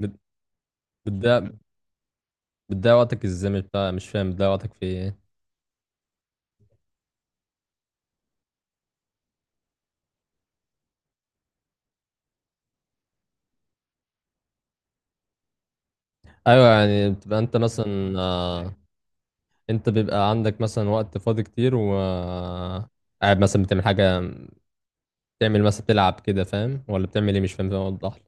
بت- بتضيع بتضيع وقتك ازاي؟ مش بتاع، مش فاهم، بتضيع وقتك في ايه؟ ايوه يعني بتبقى انت مثلا انت بيبقى عندك مثلا وقت فاضي كتير و قاعد مثلا بتعمل حاجه، بتعمل مثلا بتلعب كده فاهم ولا بتعمل ايه؟ مش فاهم، فاهم؟ وضح لي.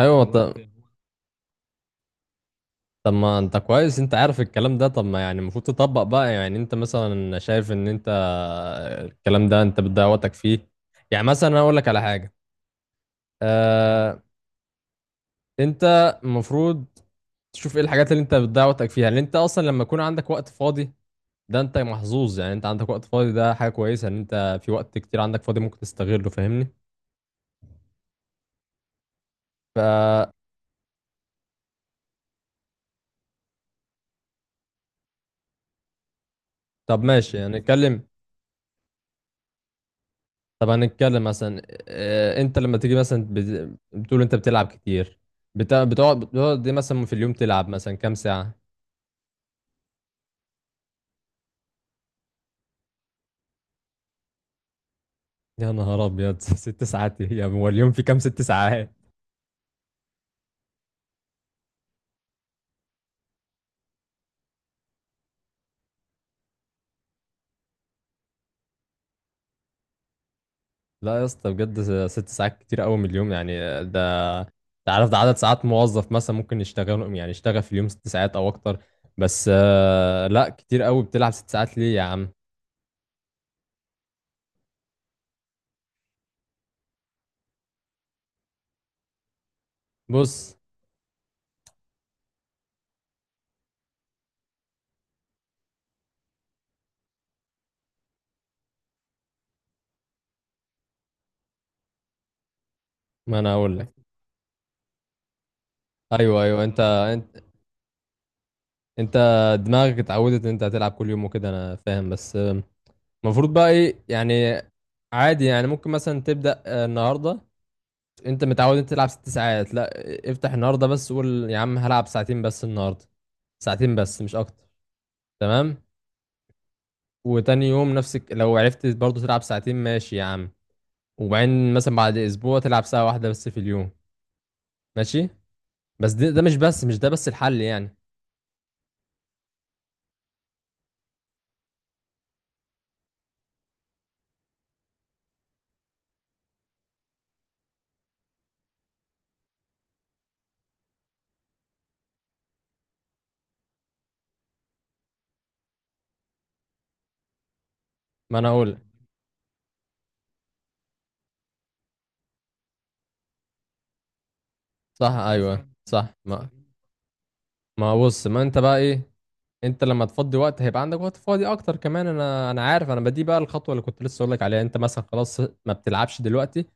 ايوه، طب ممكن، طب ما انت كويس، انت عارف الكلام ده، طب ما يعني المفروض تطبق بقى، يعني انت مثلا شايف ان انت الكلام ده انت بتضيع وقتك فيه. يعني مثلا انا اقول لك على حاجه. آه انت المفروض تشوف ايه الحاجات اللي انت بتضيع وقتك فيها، لان انت اصلا لما يكون عندك وقت فاضي، ده انت محظوظ، يعني انت عندك وقت فاضي، ده حاجة كويسة ان انت في وقت كتير عندك فاضي ممكن تستغله، فاهمني؟ ف طب ماشي يعني نتكلم. طب هنتكلم مثلا. اه، انت لما تيجي مثلا بتقول انت بتلعب كتير، بتقعد دي مثلا، في اليوم تلعب مثلا كام ساعة؟ يا نهار ابيض! 6 ساعات ايه يا عم؟ هو اليوم في كام؟ 6 ساعات! لا يا اسطى، بجد 6 ساعات كتير قوي من اليوم، يعني ده تعرف ده عدد ساعات موظف مثلا ممكن يشتغل، يعني يشتغل في اليوم 6 ساعات او اكتر. بس لا، كتير قوي، بتلعب 6 ساعات ليه يا عم؟ بص، ما انا اقول لك. ايوه، ايوه، انت, انت دماغك اتعودت ان انت هتلعب كل يوم وكده، انا فاهم، بس المفروض بقى ايه يعني؟ عادي يعني، ممكن مثلا تبدأ النهارده، انت متعود انت تلعب 6 ساعات، لا افتح النهارده بس قول يا عم هلعب ساعتين بس النهارده، ساعتين بس مش اكتر. تمام. وتاني يوم نفسك لو عرفت برضه تلعب ساعتين، ماشي يا عم. وبعدين مثلا بعد اسبوع تلعب ساعة واحدة بس في اليوم. ماشي. بس ده مش بس، مش ده بس الحل يعني. ما انا اقول. صح، ايوه صح، ما ما بص ما انت بقى ايه، انت لما تفضي وقت هيبقى عندك وقت فاضي اكتر كمان، انا عارف، انا بدي بقى الخطوة اللي كنت لسه اقول لك عليها، انت مثلا خلاص ما بتلعبش دلوقتي،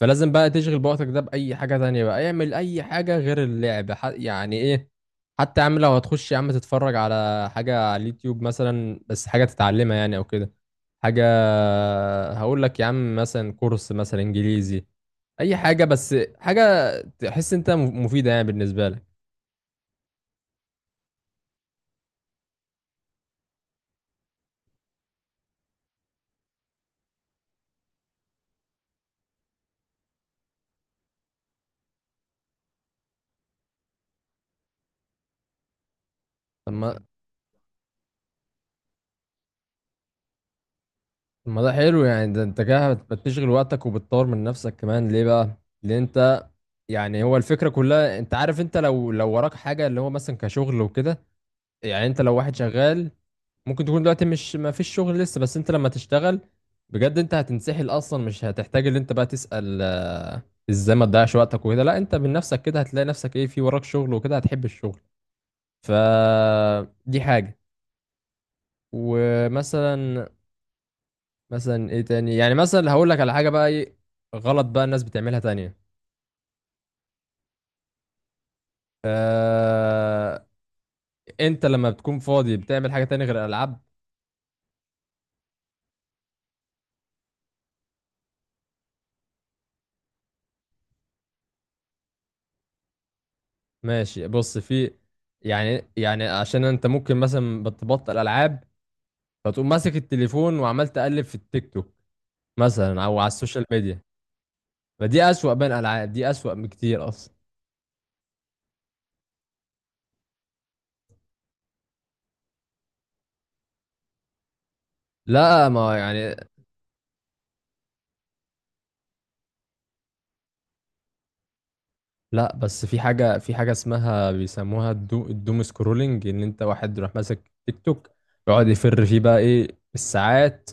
فلازم بقى تشغل بوقتك ده بأي حاجة تانية، بقى اعمل أي حاجة غير اللعب، يعني إيه، حتى يا عم لو هتخش يا عم تتفرج على حاجة على اليوتيوب مثلا، بس حاجة تتعلمها يعني أو كده حاجة. هقول لك يا عم مثلا كورس مثلا إنجليزي، أي حاجة بس حاجة تحس أنت مفيدة يعني بالنسبة لك. طب ما طب ما ده حلو يعني، ده أنت كده بتشغل وقتك وبتطور من نفسك كمان، ليه بقى؟ لأن أنت يعني هو الفكرة كلها، أنت عارف، أنت لو وراك حاجة اللي هو مثلا كشغل وكده، يعني انت لو واحد شغال ممكن تكون دلوقتي مش، ما فيش شغل لسه، بس انت لما تشتغل بجد، انت هتنسحل اصلا، مش هتحتاج ان انت بقى تسأل ازاي ما تضيعش وقتك وكده، لا انت من نفسك كده هتلاقي نفسك ايه في وراك شغل وكده هتحب الشغل. ف دي حاجة. ومثلا مثلا ايه تاني، يعني مثلا هقول لك على حاجة بقى ايه غلط بقى الناس بتعملها تانية. آه... انت لما بتكون فاضي بتعمل حاجة تانية غير الالعاب؟ ماشي، بص في، يعني عشان انت ممكن مثلا بتبطل العاب، فتقوم ماسك التليفون وعمال تقلب في التيك توك مثلا، او على السوشيال ميديا، فدي اسوأ بين الالعاب، دي اسوأ بكتير اصلا. لا ما يعني، لا بس في حاجة، في حاجة اسمها بيسموها الدوم سكرولينج، ان انت واحد يروح ماسك تيك توك يقعد يفر فيه بقى ايه، الساعات،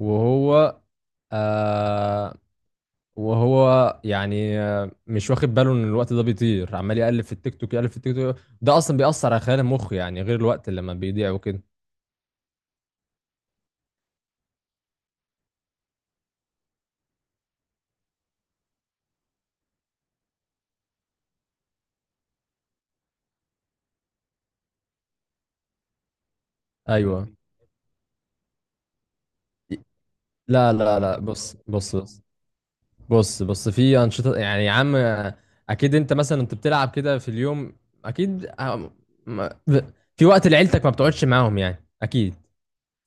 وهو آه وهو يعني مش واخد باله ان الوقت ده بيطير، عمال يقلب في التيك توك، يقلب في التيك توك، ده اصلا بيأثر على خلايا المخ، يعني غير الوقت اللي لما بيضيع وكده. ايوه، لا، لا، لا، بص، بص، بص، بص في انشطه يعني يا عم اكيد انت مثلا انت بتلعب كده في اليوم، اكيد ما- في وقت لعيلتك ما بتقعدش معاهم يعني اكيد.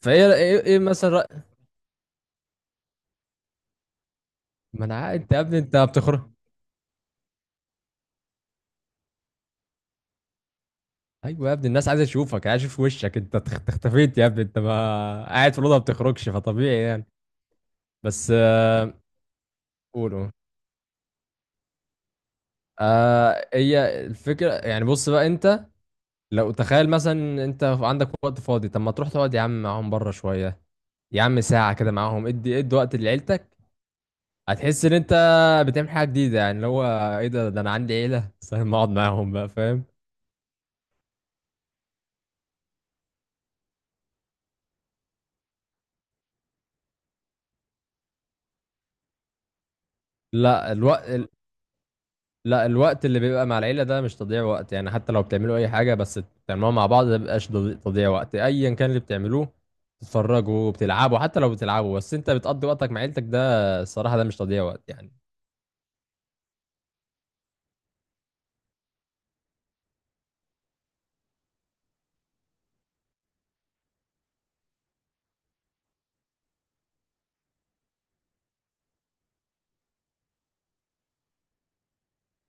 فايه إيه مثلا ما انا انت يا ابني انت بتخرج. ايوه يا ابني، الناس عايزه تشوفك، عايزه تشوف وشك، انت اختفيت يا ابني، انت ما قاعد في الاوضه، ما بتخرجش، فطبيعي يعني. بس قولوا. هي الفكره يعني، بص بقى انت لو تخيل مثلا انت عندك وقت فاضي، طب ما تروح تقعد يا عم معاهم بره شويه، يا عم ساعه كده معاهم، ادي ادي وقت لعيلتك، هتحس ان انت بتعمل حاجه جديده، يعني اللي هو ايه، ده انا عندي عيله! بس ما اقعد معاهم بقى، فاهم؟ لا الوقت، لا الوقت اللي بيبقى مع العيلة ده مش تضييع وقت، يعني حتى لو بتعملوا أي حاجة بس بتعملوها مع بعض، ده مبيبقاش تضييع وقت، أيا كان اللي بتعملوه، بتتفرجوا بتلعبوا، حتى لو بتلعبوا بس أنت بتقضي وقتك مع عيلتك، ده الصراحة ده مش تضييع وقت يعني.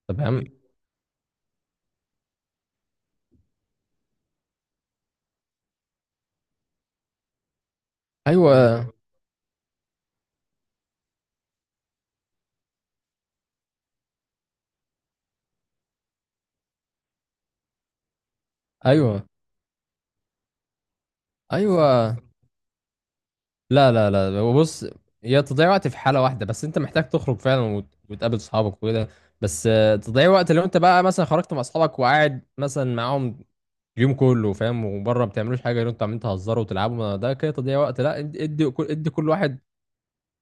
طب، فاهم، أيوه، أيوه، أيوه، لا، لا، لا، بص. هي تضييع وقت في حالة واحدة بس، أنت محتاج تخرج فعلا وتقابل صحابك وكده. بس تضييع وقت لو أنت بقى مثلا خرجت مع أصحابك وقاعد مثلا معاهم اليوم كله فاهم، وبره ما بتعملوش حاجه غير انتوا عمالين تهزروا وتلعبوا، ما ده كده تضييع وقت، لا ادي ادي كل، ادي كل واحد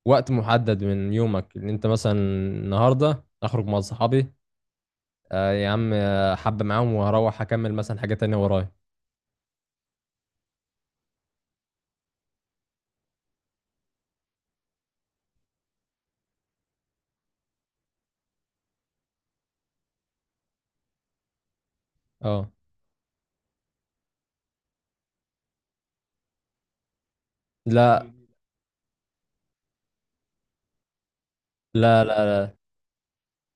وقت محدد من يومك، ان انت مثلا النهارده اخرج مع صحابي يا عم حبه معاهم وهروح اكمل مثلا حاجه تانية ورايا. اه، لا لا لا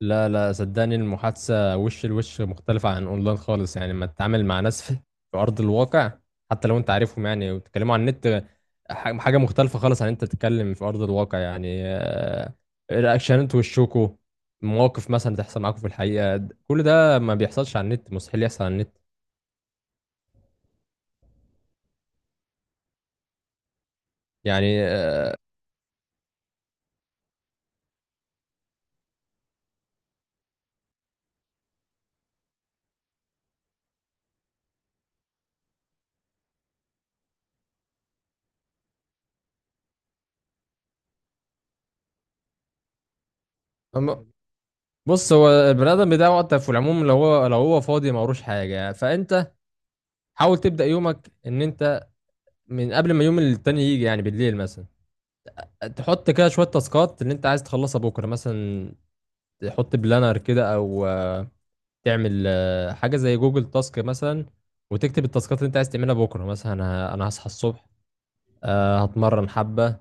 لا لا، صدقني المحادثة وش لوش مختلفة عن اونلاين خالص، يعني لما تتعامل مع ناس في في ارض الواقع، حتى لو انت عارفهم يعني وتتكلموا عن النت، حاجة مختلفة خالص عن انت تتكلم في ارض الواقع، يعني رياكشنات وشكوا، مواقف مثلا تحصل معاكم في الحقيقة، كل ده ما بيحصلش على النت، مستحيل يحصل على النت، يعني أما- بص هو البني ادم بيضيع وقته في العموم، لو هو فاضي ما وروش حاجة، فانت حاول تبدأ يومك ان انت من قبل ما يوم التاني يجي، يعني بالليل مثلا تحط كده شوية تاسكات اللي انت عايز تخلصها بكرة مثلا، تحط بلانر كده او تعمل حاجة زي جوجل تاسك مثلا، وتكتب التاسكات اللي انت عايز تعملها بكرة، مثلا انا هصحى الصبح، هتمرن حبة،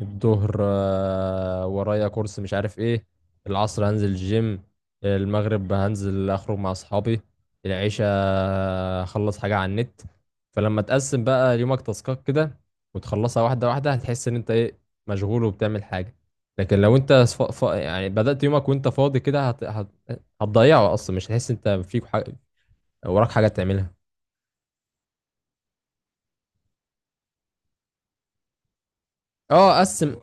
الظهر ورايا كورس مش عارف ايه، العصر هنزل الجيم، المغرب هنزل اخرج مع اصحابي، العشاء اخلص حاجة على النت. فلما تقسم بقى يومك تاسكات كده، وتخلصها واحدة واحدة، هتحس ان انت ايه، مشغول وبتعمل حاجة. لكن لو انت يعني بدأت يومك وانت فاضي كده هتضيعه اصلا، مش هتحس انت فيك حاجة وراك حاجة تعملها. اه، قسم،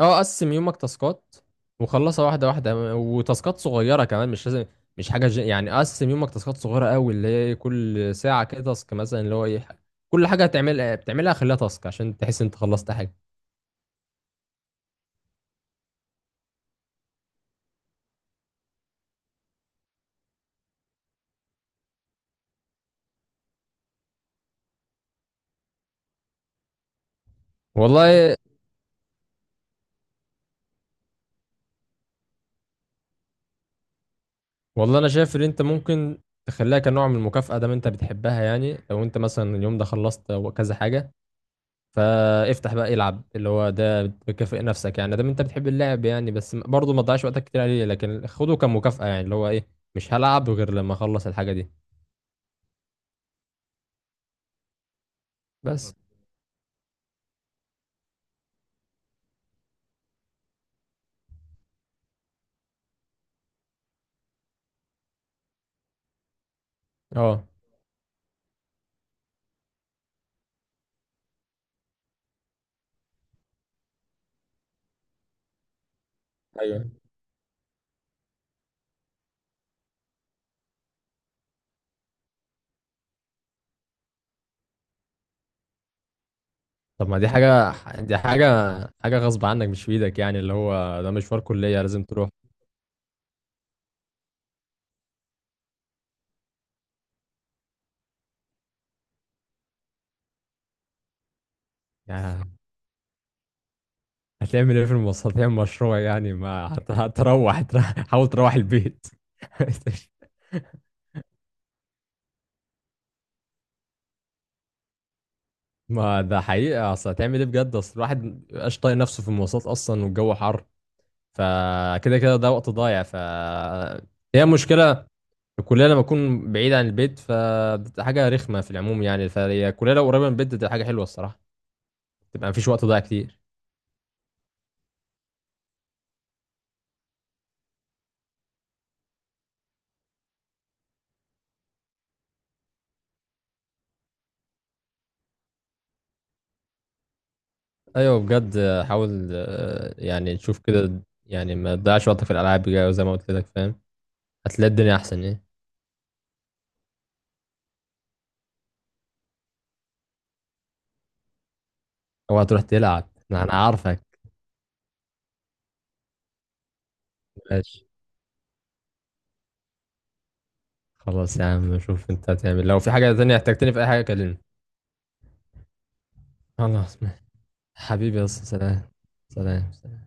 اه قسم يومك تاسكات، وخلصها واحده واحده، وتاسكات صغيره كمان مش لازم، مش حاجه يعني قسم يومك تاسكات صغيره قوي، اللي هي كل ساعه كده تاسك مثلا، اللي هو ايه كل حاجه هتعمل بتعملها خليها تاسك، عشان تحس انت خلصت حاجه. والله، والله انا شايف ان انت ممكن تخليها كنوع من المكافاه، دام انت بتحبها، يعني لو انت مثلا اليوم ده خلصت كذا حاجه فافتح بقى العب، اللي هو ده بتكافئ نفسك يعني، ده انت بتحب اللعب يعني، بس برضه ما تضيعش وقتك كتير عليه، لكن خده كمكافأة، يعني اللي هو ايه، مش هلعب غير لما اخلص الحاجة دي. بس، اه، ايوه، طب ما دي حاجة غصب عنك، مش في ايدك، يعني اللي هو ده مشوار كلية لازم تروح. يعني هتعمل ايه في المواصلات؟ هتعمل مشروع يعني؟ ما هتروح حاول تروح البيت. ما ده حقيقة، اصل هتعمل ايه بجد، اصل الواحد مبقاش طايق نفسه في المواصلات اصلا، والجو حر، فكده كده ده وقت ضايع، هي مشكلة الكلية لما أكون بعيد عن البيت فبتبقى حاجة رخمة في العموم يعني، فهي الكلية لو قريبة من البيت بتبقى حاجة حلوة الصراحة، تبقى مفيش وقت ضايع كتير. أيوة بجد، حاول يعني تشوف كده، يعني ما تضيعش وقتك في الألعاب بجد زي ما قلت لك، فاهم؟ هتلاقي الدنيا أحسن إيه، أو هتروح تلعب، أنا عارفك. ماشي، خلاص يا عم، شوف أنت هتعمل، لو في حاجة تانية احتجتني في أي حاجة كلمني. خلاص ماشي. حبيبي يا أسطى، سلام. سلام.